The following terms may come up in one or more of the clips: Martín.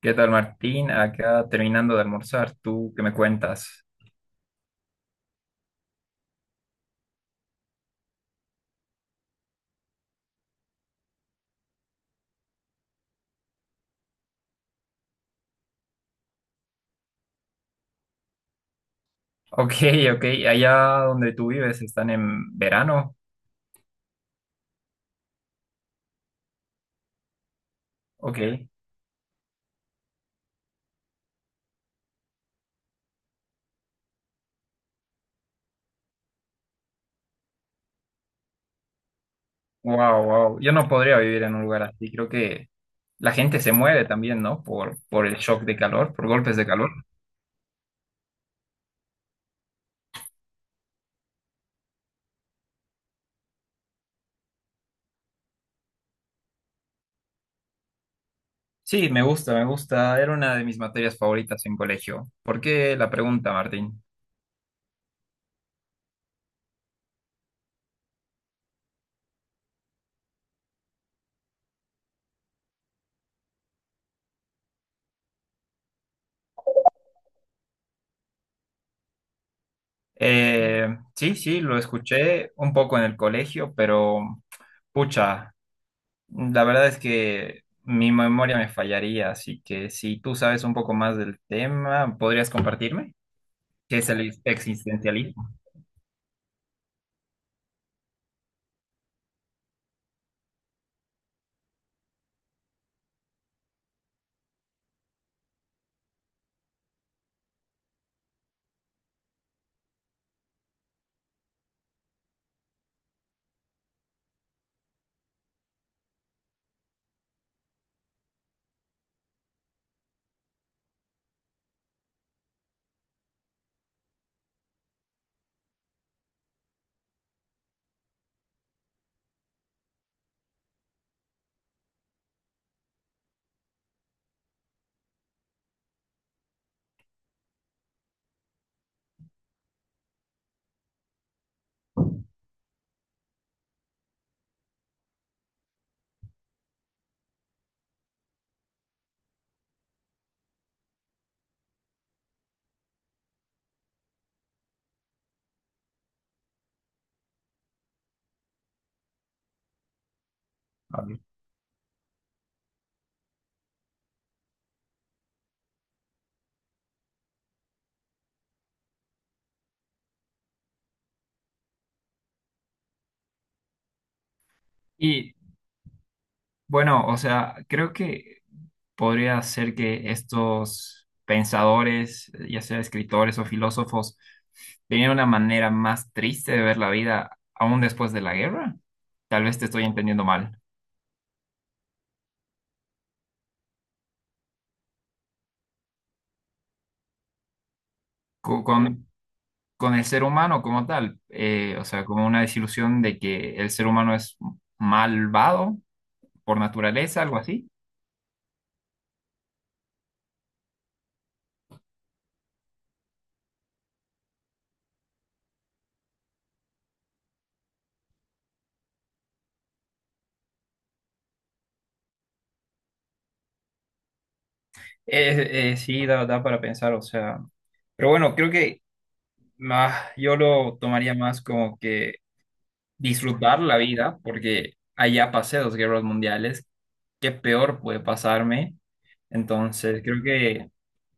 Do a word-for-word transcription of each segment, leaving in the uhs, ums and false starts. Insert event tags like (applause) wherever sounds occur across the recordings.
¿Qué tal, Martín? Acá terminando de almorzar, ¿tú qué me cuentas? Ok, ok, allá donde tú vives están en verano. Ok, wow, wow. Yo no podría vivir en un lugar así. Creo que la gente se muere también, ¿no? Por, por el shock de calor, por golpes de calor. Sí, me gusta, me gusta. Era una de mis materias favoritas en colegio. ¿Por qué la pregunta, Martín? Eh, sí, sí, lo escuché un poco en el colegio, pero pucha. La verdad es que mi memoria me fallaría, así que si tú sabes un poco más del tema, ¿podrías compartirme? ¿Qué es el ex- existencialismo? A ver. Y bueno, o sea, creo que podría ser que estos pensadores, ya sea escritores o filósofos, tenían una manera más triste de ver la vida aún después de la guerra. Tal vez te estoy entendiendo mal. Cu- Mm, con el ser humano como tal, eh, o sea, como una desilusión de que el ser humano es malvado por naturaleza, algo así. Eh, eh, sí, da, da para pensar, o sea, pero bueno, creo que más, yo lo tomaría más como que disfrutar la vida, porque allá pasé dos guerras mundiales, ¿qué peor puede pasarme? Entonces, creo que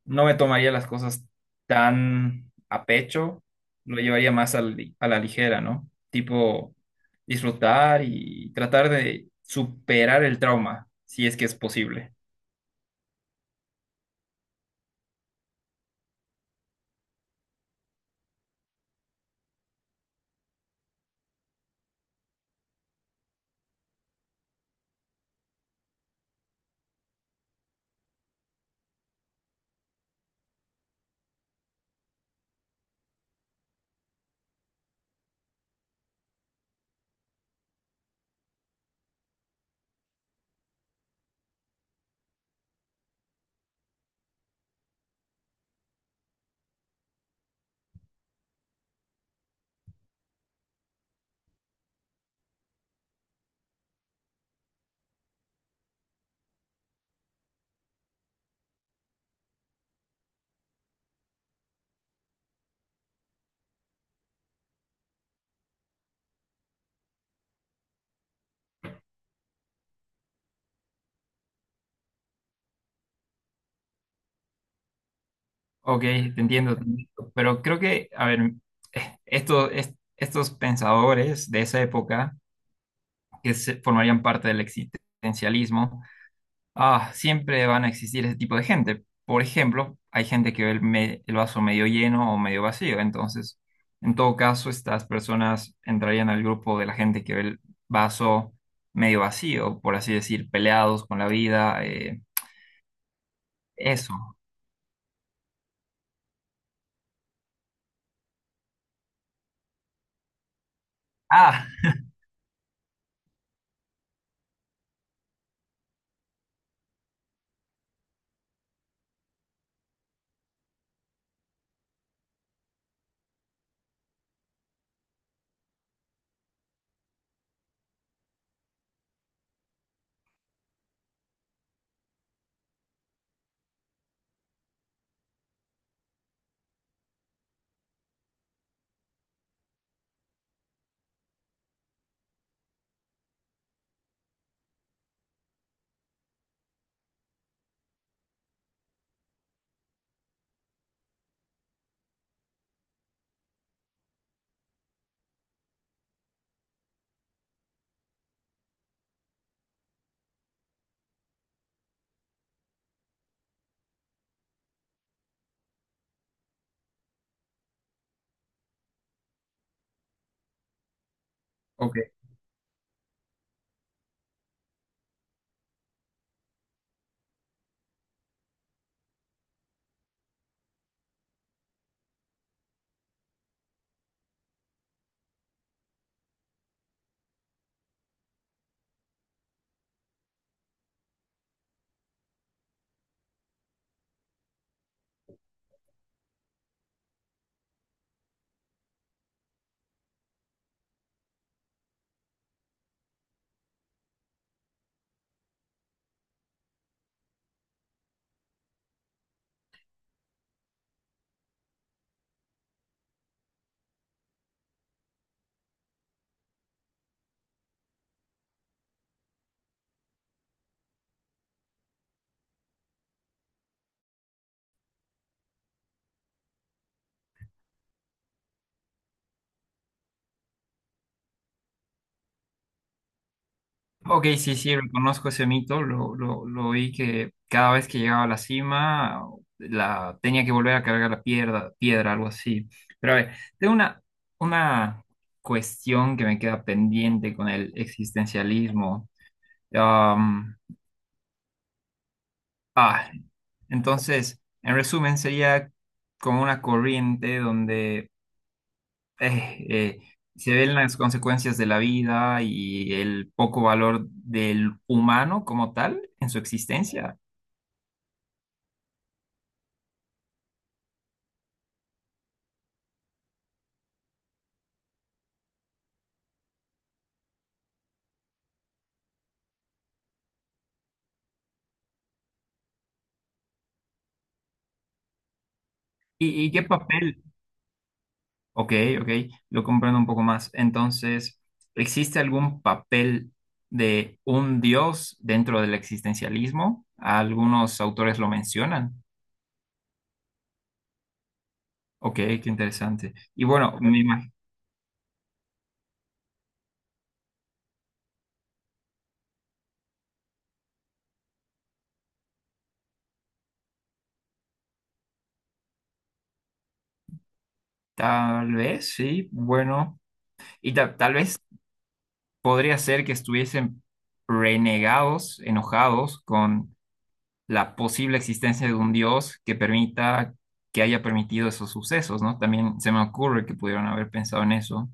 no me tomaría las cosas tan a pecho, lo llevaría más al- a la ligera, ¿no? Tipo, disfrutar y tratar de superar el trauma, si es que es posible. Ok, te entiendo, te entiendo. Pero creo que, a ver, eh, estos, est- estos pensadores de esa época que se formarían parte del existencialismo. Ah, siempre van a existir ese tipo de gente. Por ejemplo, hay gente que ve el, me- el vaso medio lleno o medio vacío. Entonces, en todo caso, estas personas entrarían al grupo de la gente que ve el vaso medio vacío, por así decir, peleados con la vida. eh, eso. Ah, ok. Ok, sí, sí, reconozco ese mito, lo, lo, lo oí que cada vez que llegaba a la cima la, tenía que volver a cargar la piedra, piedra, algo así. Pero a ver, tengo una, una cuestión que me queda pendiente con el existencialismo. Am, ah, entonces, en resumen, sería como una corriente donde eh, eh, se ven las consecuencias de la vida y el poco valor del humano como tal en su existencia. ¿Y, y qué papel? Ok, ok, lo comprendo un poco más. Entonces, ¿existe algún papel de un dios dentro del existencialismo? Algunos autores lo mencionan. Ok, qué interesante. Y bueno, me imag- tal vez, sí, bueno, y ta- tal vez podría ser que estuviesen renegados, enojados con la posible existencia de un Dios que permita, que haya permitido esos sucesos, ¿no? También se me ocurre que pudieron haber pensado en eso.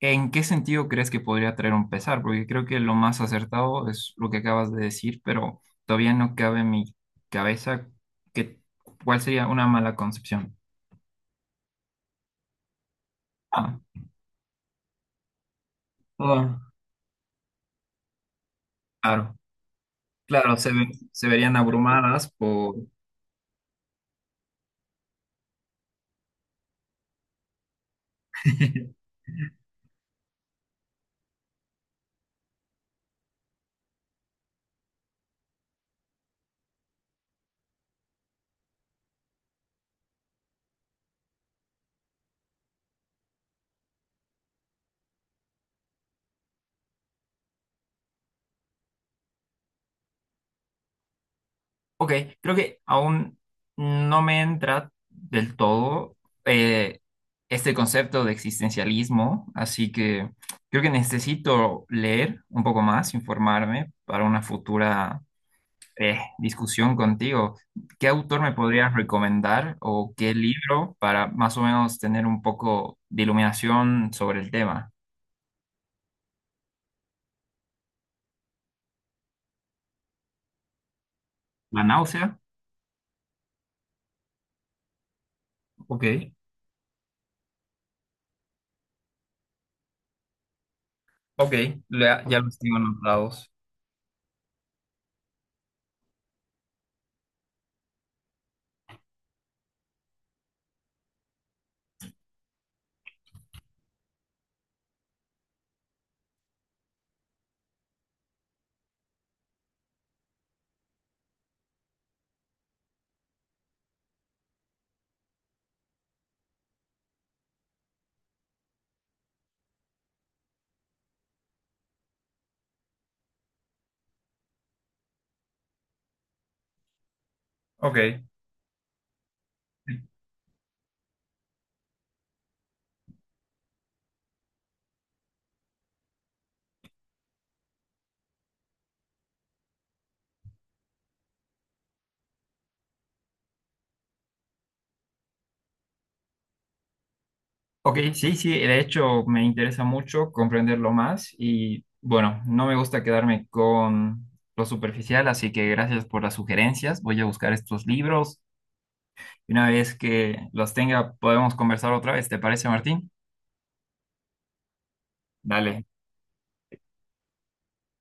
¿En qué sentido crees que podría traer un pesar? Porque creo que lo más acertado es lo que acabas de decir, pero todavía no cabe en mi cabeza que, cuál sería una mala concepción. Ah, ah, claro, claro, se, ve- se verían abrumadas por... (laughs) Ok, creo que aún no me entra del todo eh, este concepto de existencialismo, así que creo que necesito leer un poco más, informarme para una futura eh, discusión contigo. ¿Qué autor me podrías recomendar o qué libro para más o menos tener un poco de iluminación sobre el tema? ¿La náusea? Ok, ok, ya, ya los tengo anotados. Ok. Ok, sí, sí, de hecho me interesa mucho comprenderlo más y bueno, no me gusta quedarme con lo superficial, así que gracias por las sugerencias. Voy a buscar estos libros y una vez que los tenga podemos conversar otra vez. ¿Te parece, Martín? Dale,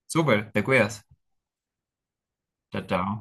súper, te cuidas. Chao, chao.